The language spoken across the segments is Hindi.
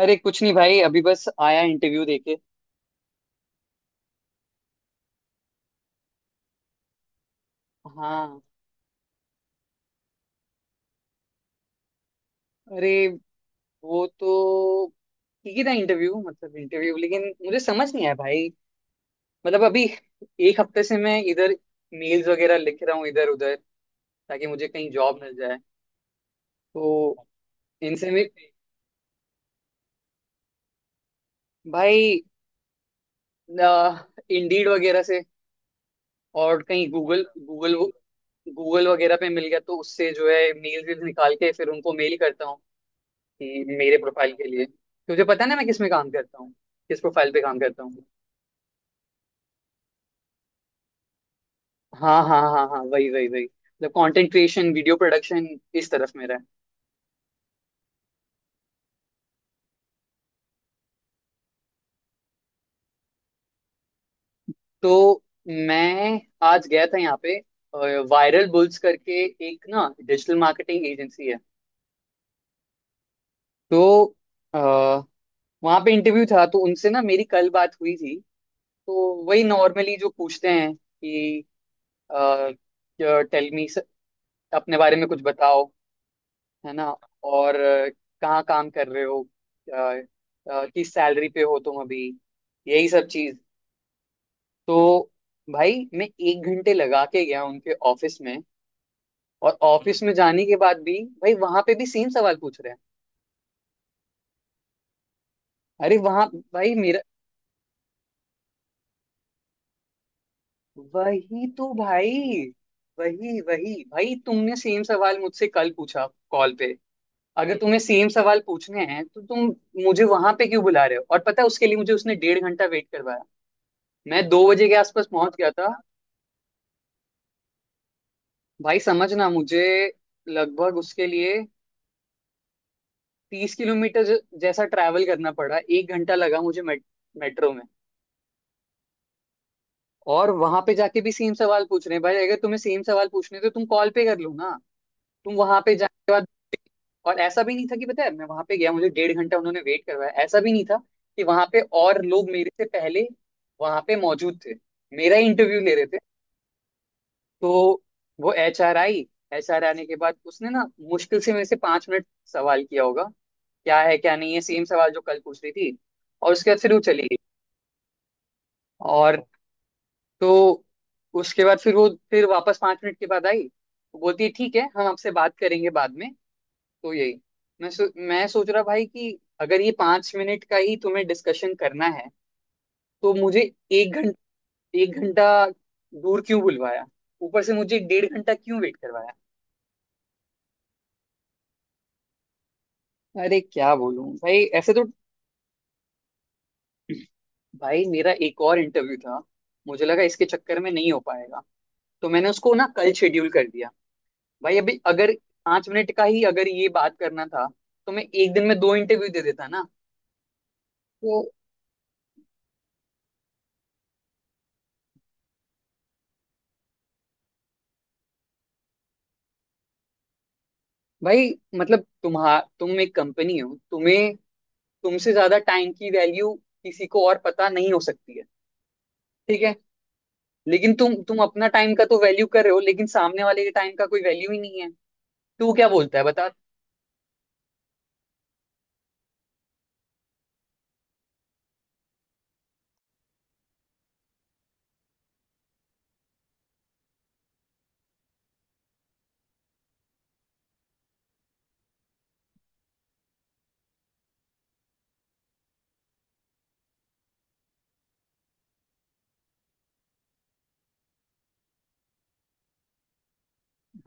अरे कुछ नहीं भाई। अभी बस आया इंटरव्यू देके। हाँ अरे वो तो ठीक ही था इंटरव्यू मतलब इंटरव्यू, लेकिन मुझे समझ नहीं आया भाई। मतलब अभी 1 हफ्ते से मैं इधर मेल्स वगैरह लिख रहा हूँ इधर उधर, ताकि मुझे कहीं जॉब मिल जाए। तो इनसे भी भाई, इंडीड वगैरह से और कहीं गूगल गूगल गूगल वगैरह पे मिल गया, तो उससे जो है मेल वेल निकाल के फिर उनको मेल करता हूँ कि मेरे प्रोफाइल के लिए। तुझे पता है ना मैं किस में काम करता हूँ, किस प्रोफाइल पे काम करता हूँ। हाँ हाँ हाँ हाँ वही वही वही, मतलब कंटेंट क्रिएशन, वीडियो प्रोडक्शन इस तरफ मेरा है। तो मैं आज गया था यहाँ पे वायरल बुल्स करके, एक ना डिजिटल मार्केटिंग एजेंसी है। तो आ, वहाँ पे इंटरव्यू था, तो उनसे ना मेरी कल बात हुई थी। तो वही नॉर्मली जो पूछते हैं कि टेल मी अपने बारे में कुछ बताओ, है ना। और कहाँ काम कर रहे हो, अ, किस सैलरी पे हो तुम अभी, यही सब चीज। तो भाई मैं 1 घंटे लगा के गया उनके ऑफिस में। और ऑफिस में जाने के बाद भी भाई वहां पे भी सेम सवाल पूछ रहे हैं। अरे वहां भाई मेरा, वही तो भाई। वही वही भाई, तुमने सेम सवाल मुझसे कल पूछा कॉल पे। अगर तुम्हें सेम सवाल पूछने हैं तो तुम मुझे वहां पे क्यों बुला रहे हो। और पता है उसके लिए मुझे उसने 1.5 घंटा वेट करवाया। मैं 2 बजे के आसपास पहुंच गया था। भाई समझना मुझे, लगभग उसके लिए 30 किलोमीटर जैसा ट्रैवल करना पड़ा, 1 घंटा लगा मुझे मेट्रो में। और वहां पे जाके भी सेम सवाल पूछ रहे हैं भाई। अगर तुम्हें सेम सवाल पूछने तो तुम कॉल पे कर लो ना, तुम वहां पे जाने के बाद। और ऐसा भी नहीं था कि पता है मैं वहां पे गया मुझे 1.5 घंटा उन्होंने वेट करवाया। ऐसा भी नहीं था कि वहां पे और लोग मेरे से पहले वहां पे मौजूद थे, मेरा इंटरव्यू ले रहे थे। तो वो एच आर आने के बाद उसने ना मुश्किल से मेरे से 5 मिनट सवाल किया होगा। क्या है क्या नहीं है, सेम सवाल जो कल पूछ रही थी। और उसके बाद फिर वो चली गई। और तो उसके बाद फिर वो फिर वापस 5 मिनट के बाद आई। वो बोलती है ठीक है हम आपसे बात करेंगे बाद में। तो यही मैं सोच रहा भाई कि अगर ये 5 मिनट का ही तुम्हें डिस्कशन करना है तो मुझे एक घंटा एक घंटा दूर क्यों बुलवाया। ऊपर से मुझे 1.5 घंटा क्यों वेट करवाया। अरे क्या बोलूं भाई ऐसे तो। भाई मेरा एक और इंटरव्यू था, मुझे लगा इसके चक्कर में नहीं हो पाएगा तो मैंने उसको ना कल शेड्यूल कर दिया। भाई अभी अगर 5 मिनट का ही अगर ये बात करना था तो मैं 1 दिन में 2 इंटरव्यू दे देता ना। तो भाई मतलब तुम्हारा, तुम एक कंपनी हो तुम्हें, तुमसे ज्यादा टाइम की वैल्यू किसी को और पता नहीं हो सकती है। ठीक है, लेकिन तुम अपना टाइम का तो वैल्यू कर रहे हो, लेकिन सामने वाले के टाइम का कोई वैल्यू ही नहीं है। तो वो क्या बोलता है बता।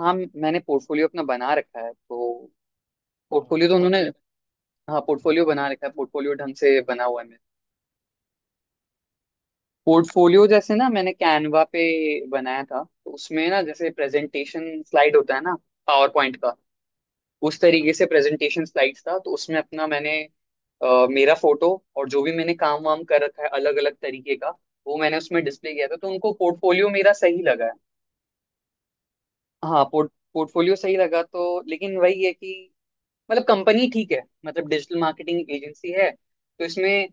हाँ मैंने पोर्टफोलियो अपना बना रखा है तो। पोर्टफोलियो तो उन्होंने, हाँ पोर्टफोलियो बना रखा है, पोर्टफोलियो ढंग से बना हुआ है मेरा। पोर्टफोलियो जैसे ना मैंने कैनवा पे बनाया था, तो उसमें ना जैसे प्रेजेंटेशन स्लाइड होता है ना, पावर पॉइंट का। उस तरीके से प्रेजेंटेशन स्लाइड्स था तो उसमें अपना मैंने मेरा फोटो और जो भी मैंने काम वाम कर रखा है अलग अलग तरीके का, वो मैंने उसमें डिस्प्ले किया था। तो उनको पोर्टफोलियो मेरा सही लगा है। हाँ पोर्टफोलियो सही लगा तो, लेकिन वही है कि मतलब कंपनी ठीक है, मतलब डिजिटल मार्केटिंग एजेंसी है, तो इसमें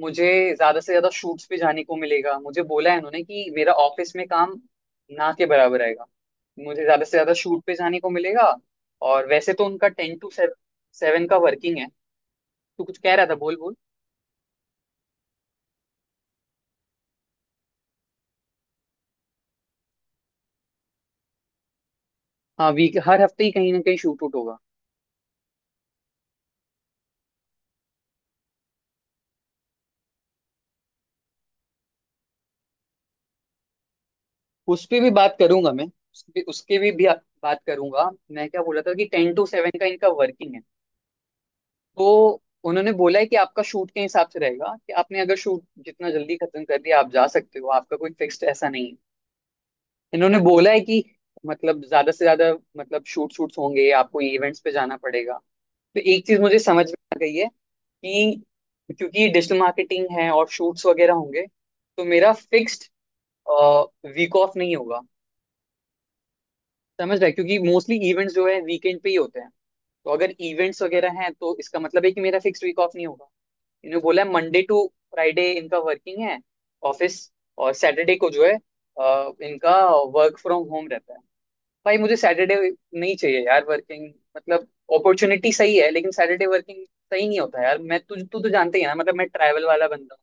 मुझे ज्यादा से ज्यादा शूट्स पे जाने को मिलेगा। मुझे बोला है उन्होंने कि मेरा ऑफिस में काम ना के बराबर आएगा, मुझे ज्यादा से ज्यादा शूट पे जाने को मिलेगा। और वैसे तो उनका 10 टू 7 का वर्किंग है। तू कुछ कह रहा था, बोल बोल। हाँ, वीक, हर हफ्ते ही कहीं ना कहीं शूट उट होगा। उस पे भी बात करूंगा मैं, उसके उसके भी बात करूंगा मैं। क्या बोला था कि 10 टू 7 का इनका वर्किंग है। तो उन्होंने बोला है कि आपका शूट के हिसाब से रहेगा कि आपने अगर शूट जितना जल्दी खत्म कर दिया आप जा सकते हो, आपका कोई फिक्स्ड ऐसा नहीं है। इन्होंने बोला है कि मतलब ज्यादा से ज्यादा मतलब शूट शूट्स होंगे, आपको इवेंट्स पे जाना पड़ेगा। तो एक चीज मुझे समझ में आ गई है कि क्योंकि ये डिजिटल मार्केटिंग है और शूट्स वगैरह होंगे, तो मेरा फिक्स्ड वीक ऑफ नहीं होगा। समझ रहे हैं? क्योंकि मोस्टली इवेंट्स जो है वीकेंड पे ही होते हैं। तो अगर इवेंट्स वगैरह हैं तो इसका मतलब है कि मेरा फिक्स्ड वीक ऑफ नहीं होगा। इन्होंने बोला है मंडे टू फ्राइडे इनका वर्किंग है, ऑफिस। और सैटरडे को जो है इनका वर्क फ्रॉम होम रहता है। भाई मुझे सैटरडे नहीं चाहिए यार वर्किंग, मतलब अपॉर्चुनिटी सही है लेकिन सैटरडे वर्किंग सही नहीं होता यार। मैं तुझ तू तो जानते ही है ना, मतलब मैं ट्रैवल वाला बंदा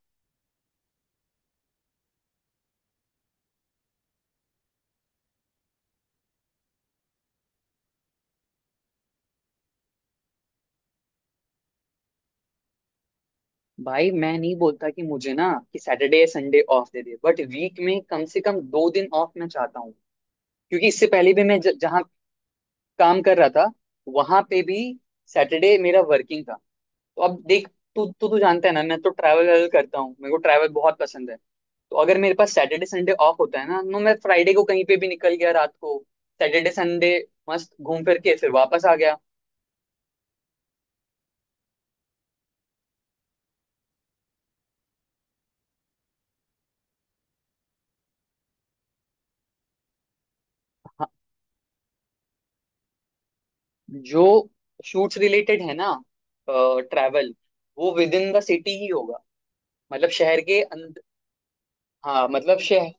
हूँ। भाई मैं नहीं बोलता कि मुझे ना कि सैटरडे या संडे ऑफ दे दे, बट वीक में कम से कम 2 दिन ऑफ मैं चाहता हूँ। क्योंकि इससे पहले भी मैं जहाँ काम कर रहा था वहां पे भी सैटरडे मेरा वर्किंग था। तो अब देख, तू तू तू जानता है ना मैं तो ट्रैवल करता हूँ, मेरे को ट्रैवल बहुत पसंद है। तो अगर मेरे पास सैटरडे संडे ऑफ होता है ना, तो मैं फ्राइडे को कहीं पे भी निकल गया रात को, सैटरडे संडे मस्त घूम फिर के फिर वापस आ गया। हाँ, जो शूट्स रिलेटेड है ना ट्रैवल, वो विद इन द सिटी ही होगा, मतलब शहर के अंदर। हाँ मतलब शहर।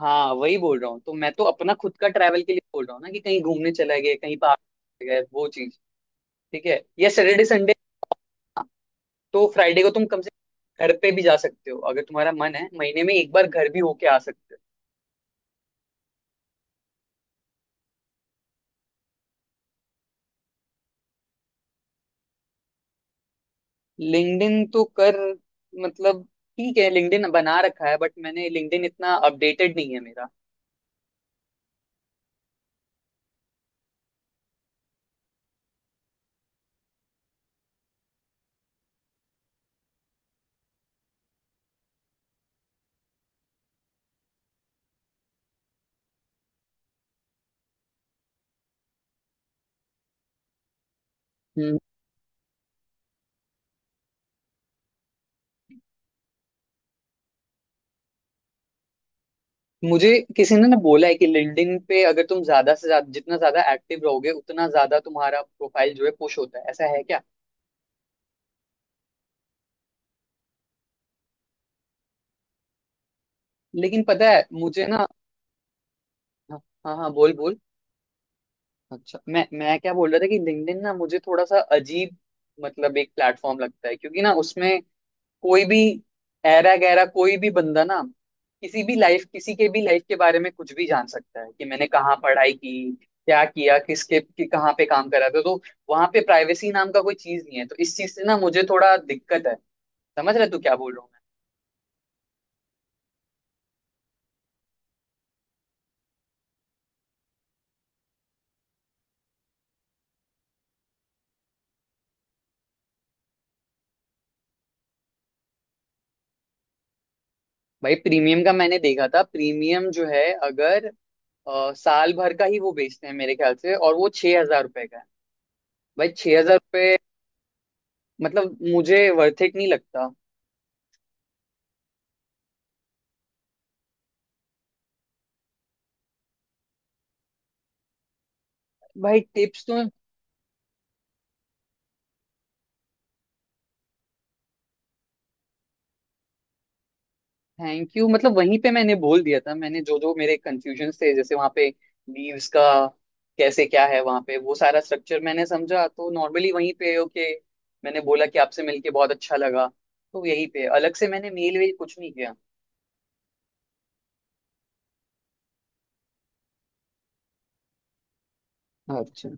हाँ वही बोल रहा हूँ तो, मैं तो अपना खुद का ट्रैवल के लिए बोल रहा हूँ ना कि कहीं घूमने चला गया, कहीं पार्क गए वो चीज, ठीक है, या सैटरडे संडे। तो फ्राइडे को तुम कम से कम घर पे भी जा सकते हो, अगर तुम्हारा मन है महीने में एक बार घर भी होके आ सकते हो। लिंक्डइन तो कर मतलब, ठीक है लिंक्डइन बना रखा है बट मैंने लिंक्डइन इतना अपडेटेड नहीं है मेरा। हम्म। मुझे किसी ने ना बोला है कि लिंक्डइन पे अगर तुम ज्यादा से ज्यादा जितना ज्यादा एक्टिव रहोगे उतना ज्यादा तुम्हारा प्रोफाइल जो है पुश होता है, ऐसा है क्या। लेकिन पता है मुझे ना। हाँ हाँ हाँ, बोल बोल। अच्छा मैं क्या बोल रहा था कि लिंक्डइन ना मुझे थोड़ा सा अजीब मतलब एक प्लेटफॉर्म लगता है, क्योंकि ना उसमें कोई भी ऐरा गैरा कोई भी बंदा ना किसी के भी लाइफ के बारे में कुछ भी जान सकता है कि मैंने कहाँ पढ़ाई की, क्या किया, किसके कि कहाँ पे काम करा था। तो वहां पे प्राइवेसी नाम का कोई चीज नहीं है, तो इस चीज से ना मुझे थोड़ा दिक्कत है। समझ रहे तू क्या बोल रहा हूँ मैं। भाई प्रीमियम का मैंने देखा था, प्रीमियम जो है अगर साल भर का ही वो बेचते हैं मेरे ख्याल से, और वो 6,000 रुपए का है। भाई 6,000 रुपये मतलब मुझे वर्थ इट नहीं लगता। भाई टिप्स तो। थैंक यू मतलब वहीं पे मैंने बोल दिया था, मैंने जो जो मेरे कंफ्यूजन थे जैसे वहां पे लीव्स का कैसे क्या है, वहां पे वो सारा स्ट्रक्चर मैंने समझा। तो नॉर्मली वहीं पे ओके मैंने बोला कि आपसे मिलके बहुत अच्छा लगा। तो यहीं पे अलग से मैंने मेल वेल कुछ नहीं किया। अच्छा,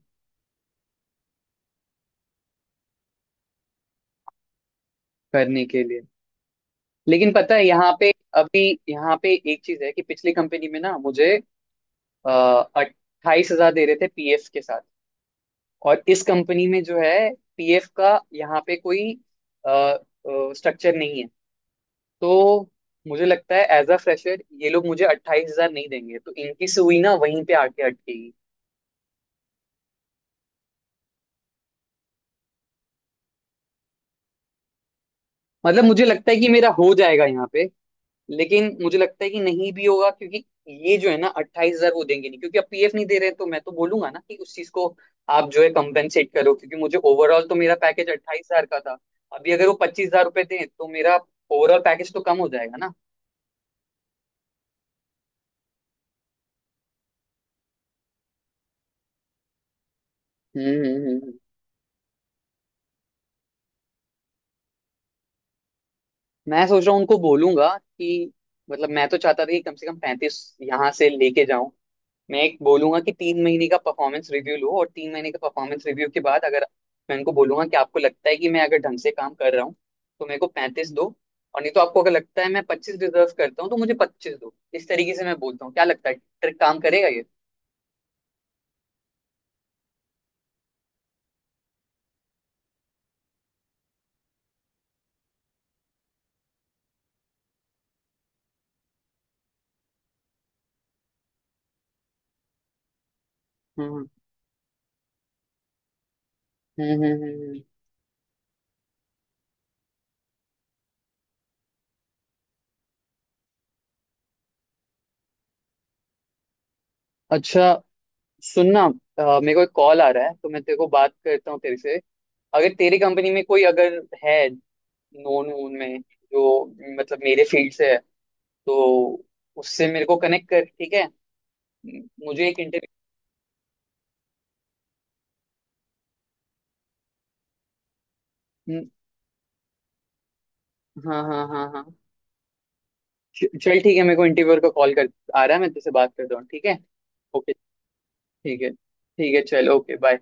करने के लिए। लेकिन पता है यहाँ पे, अभी यहाँ पे एक चीज है कि पिछली कंपनी में ना मुझे 28,000 दे रहे थे पीएफ के साथ। और इस कंपनी में जो है पीएफ का यहाँ पे कोई स्ट्रक्चर नहीं है। तो मुझे लगता है एज अ फ्रेशर ये लोग मुझे 28,000 नहीं देंगे, तो इनकी सुई ना वहीं पे आके अटकेगी। मतलब मुझे लगता है कि मेरा हो जाएगा यहाँ पे, लेकिन मुझे लगता है कि नहीं भी होगा। क्योंकि ये जो है ना 28,000 वो देंगे नहीं, क्योंकि अब पीएफ नहीं दे रहे, तो मैं तो बोलूंगा ना कि उस चीज को आप जो है कंपेंसेट करो, क्योंकि मुझे ओवरऑल तो मेरा पैकेज 28,000 का था। अभी अगर वो 25,000 रुपए दें तो मेरा ओवरऑल पैकेज तो कम हो जाएगा ना। हम्म हम्म, हम्म। मैं सोच रहा हूँ उनको बोलूंगा कि, मतलब मैं तो चाहता था कि कम से कम पैंतीस यहाँ से लेके जाऊं। मैं एक बोलूंगा कि 3 महीने का परफॉर्मेंस रिव्यू लो, और 3 महीने का परफॉर्मेंस रिव्यू के बाद अगर, मैं उनको बोलूंगा कि आपको लगता है कि मैं अगर ढंग से काम कर रहा हूँ तो मेरे को पैंतीस दो। और नहीं तो आपको अगर लगता है मैं पच्चीस डिजर्व करता हूँ तो मुझे पच्चीस दो, इस तरीके से मैं बोलता हूँ। क्या लगता है, ट्रिक काम करेगा ये? हम्म हम्म हम्म हम्म, हम्म। अच्छा सुनना, मेरे को एक कॉल आ रहा है तो मैं तेरे को बात करता हूँ तेरे से। अगर तेरी कंपनी में कोई अगर है, नोन वोन में, जो मतलब मेरे फील्ड से है, तो उससे मेरे को कनेक्ट कर, ठीक है। मुझे एक इंटरव्यू। हाँ हाँ हाँ हाँ, चल ठीक है, मेरे को इंटरव्यूअर का कॉल कर आ रहा है, मैं तुझसे बात करता हूँ ठीक है। ओके ठीक है ठीक है, चल ओके बाय।